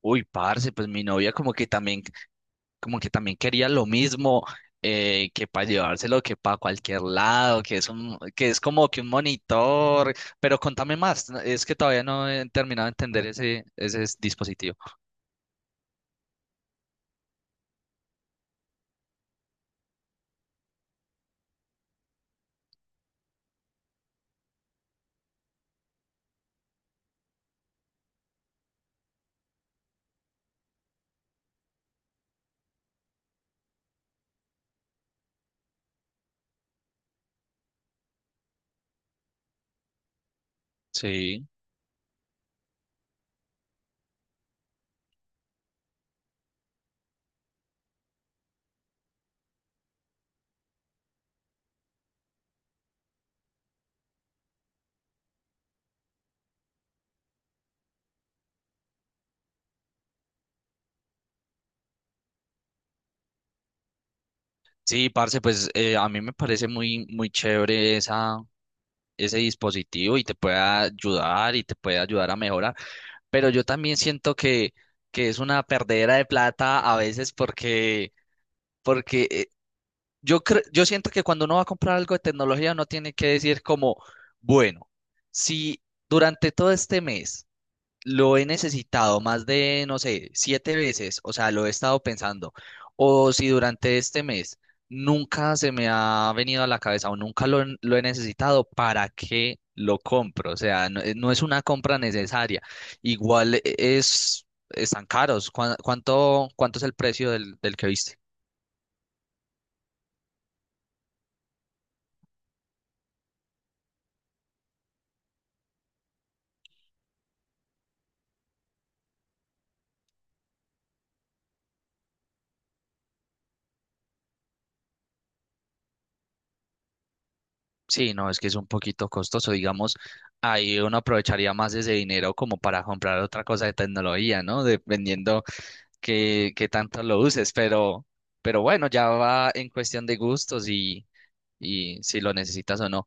Uy, parce, pues mi novia como que también quería lo mismo, que para llevárselo, que para cualquier lado, que es como que un monitor, pero contame más, no, es que todavía no he terminado de entender dispositivo. Sí, sí, parce, pues a mí me parece muy chévere ese dispositivo y te puede ayudar a mejorar, pero yo también que es una perdera de plata a veces porque yo siento que cuando uno va a comprar algo de tecnología, uno tiene que decir como, bueno, si durante todo este mes lo he necesitado más de, no sé, 7 veces, o sea, lo he estado pensando, o si durante este mes nunca se me ha venido a la cabeza o nunca lo he necesitado, ¿para qué lo compro? O sea, no, no es una compra necesaria. Igual están caros. ¿ cuánto es el precio del que viste? Sí, no, es que es un poquito costoso, digamos, ahí uno aprovecharía más ese dinero como para comprar otra cosa de tecnología, ¿no? Dependiendo qué tanto lo uses, pero bueno, ya va en cuestión de gustos y si lo necesitas o no.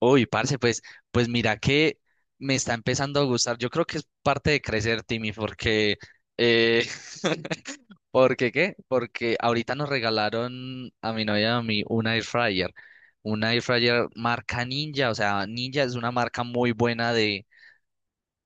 Uy, parce, pues, pues mira que me está empezando a gustar, yo creo que es parte de crecer, Timmy, porque eh, ¿Porque qué? Porque ahorita nos regalaron a mi novia y a mí una air fryer. Una air fryer marca Ninja, o sea, Ninja es una marca muy buena de,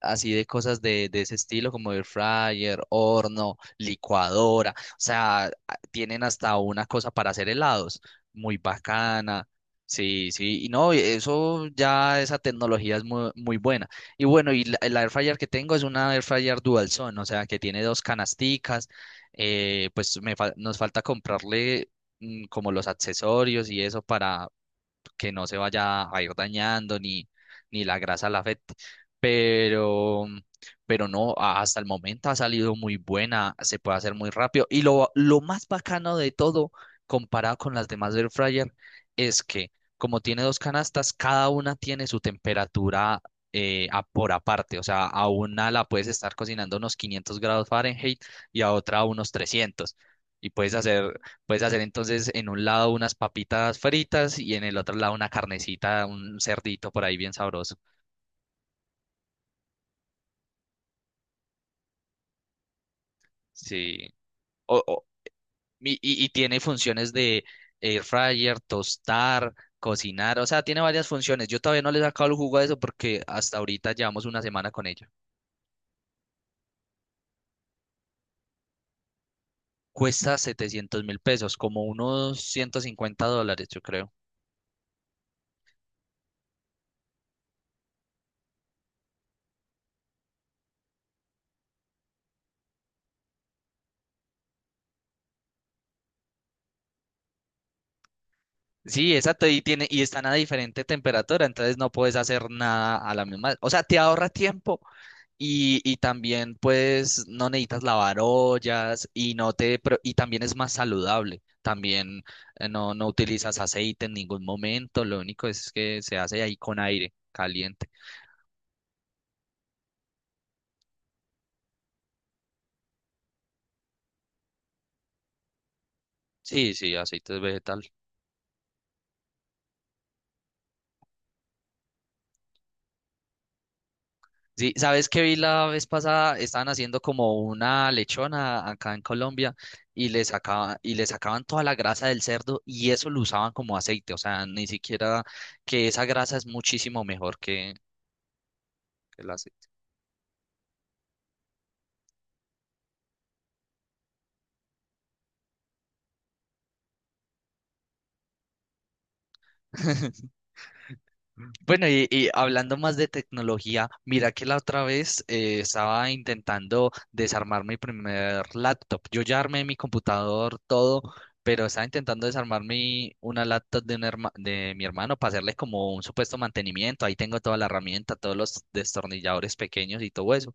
así de cosas de ese estilo, como air fryer, horno, licuadora, o sea, a- tienen hasta una cosa para hacer helados, muy bacana. Sí, sí, y no, eso ya, esa tecnología es muy buena. Y bueno, el air fryer que tengo es una air fryer dual zone, o sea, que tiene dos canasticas, pues nos falta comprarle como los accesorios y eso para, que no se vaya a ir dañando ni, ni la grasa la afecte. Pero, pero no, a- hasta el momento ha salido muy buena, se puede hacer muy rápido. Y lo más bacano de todo, comparado con las demás air fryer, es que como tiene dos canastas, cada una tiene su temperatura a- por aparte. O sea, a una la puedes estar cocinando a unos 500 grados Fahrenheit y a otra a unos 300. Y puedes hacer Puedes hacer entonces en un lado unas papitas fritas y en el otro lado una carnecita, un cerdito por ahí bien sabroso. Sí. O- y tiene funciones de air fryer, tostar, cocinar. O sea, tiene varias funciones. Yo todavía no le he sacado el jugo a eso porque hasta ahorita llevamos una semana con ella. Cuesta 700.000 pesos, como unos $150, yo creo. Sí, exacto, y tiene, y están a diferente temperatura, entonces no puedes hacer nada a la misma. O sea, te ahorra tiempo. Y también pues no necesitas lavar ollas y no te pro- y también es más saludable. También no, no utilizas aceite en ningún momento, lo único es que se hace ahí con aire caliente. Sí, sí, aceite vegetal. Sí, ¿sabes qué vi la vez pasada? Estaban haciendo como una lechona acá en Colombia y le sacaban toda la grasa del cerdo y eso lo usaban como aceite. O sea, ni siquiera que esa grasa es muchísimo mejor que el aceite. Bueno, y hablando más de tecnología, mira que la otra vez estaba intentando desarmar mi primer laptop. Yo ya armé mi computador, todo, pero estaba intentando desarmar una laptop de, de mi hermano para hacerle como un supuesto mantenimiento. Ahí tengo toda la herramienta, todos los destornilladores pequeños y todo eso.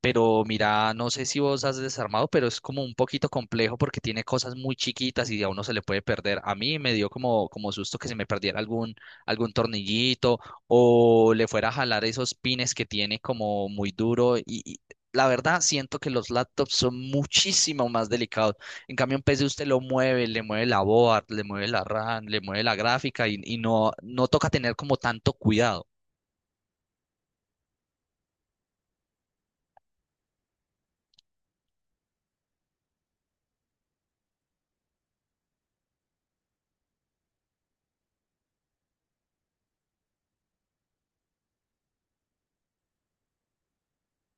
Pero mira, no sé si vos has desarmado, pero es como un poquito complejo porque tiene cosas muy chiquitas y a uno se le puede perder. A mí me dio como susto que se me perdiera algún, algún tornillito o le fuera a jalar esos pines que tiene como muy duro. Y la verdad, siento que los laptops son muchísimo más delicados. En cambio, un PC usted lo mueve, le mueve la board, le mueve la RAM, le mueve la gráfica y no, no toca tener como tanto cuidado.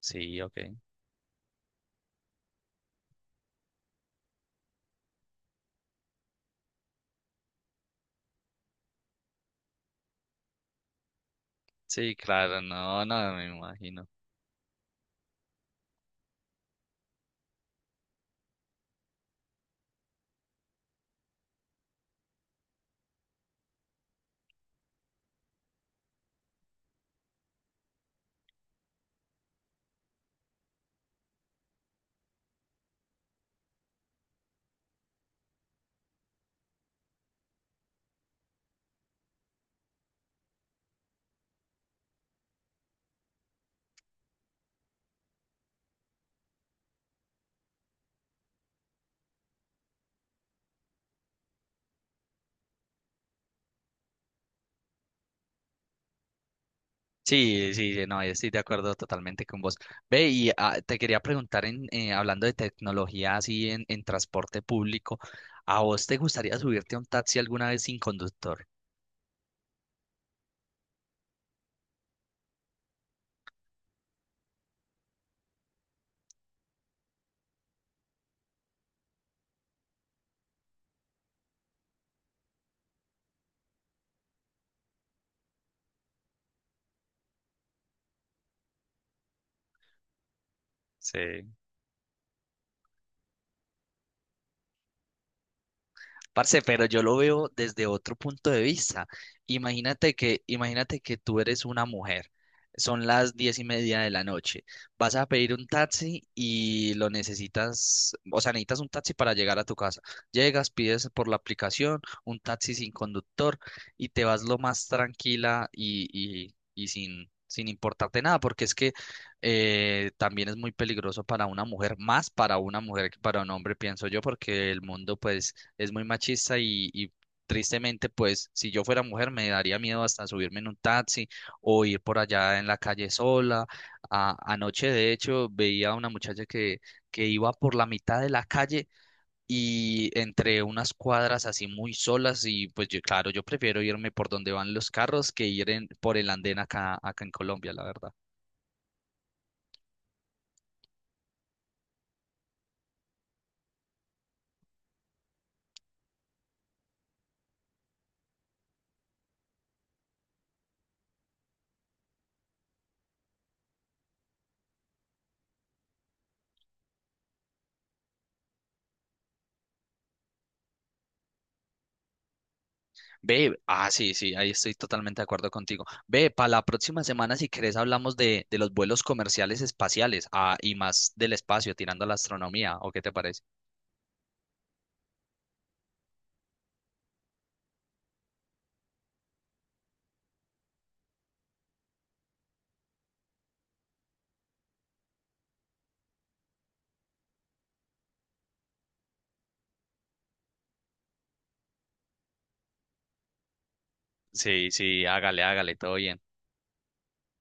Sí, ok. Sí, claro, no, no me imagino. Sí, sí, sí, no, estoy de acuerdo totalmente con vos. Ve, te quería preguntar, hablando de tecnología así en transporte público, ¿a vos te gustaría subirte a un taxi alguna vez sin conductor? Sí. Parce, pero yo lo veo desde otro punto de vista. Imagínate que tú eres una mujer. Son las 10:30 de la noche. Vas a pedir un taxi y lo necesitas, o sea, necesitas un taxi para llegar a tu casa. Llegas, pides por la aplicación un taxi sin conductor y te vas lo más tranquila y sin importarte nada, porque es que también es muy peligroso para una mujer, más para una mujer que para un hombre, pienso yo, porque el mundo pues es muy machista y tristemente, pues si yo fuera mujer me daría miedo hasta subirme en un taxi o ir por allá en la calle sola. Anoche, de hecho, veía a una muchacha que iba por la mitad de la calle y entre unas cuadras así muy solas y pues yo, claro, yo prefiero irme por donde van los carros que por el andén acá en Colombia, la verdad. Ve, ah, sí, sí, ahí estoy totalmente de acuerdo contigo. Ve, para la próxima semana, si querés, hablamos de los vuelos comerciales espaciales, ah, y más del espacio, tirando a la astronomía, ¿o qué te parece? Sí, sí, hágale, hágale, todo bien.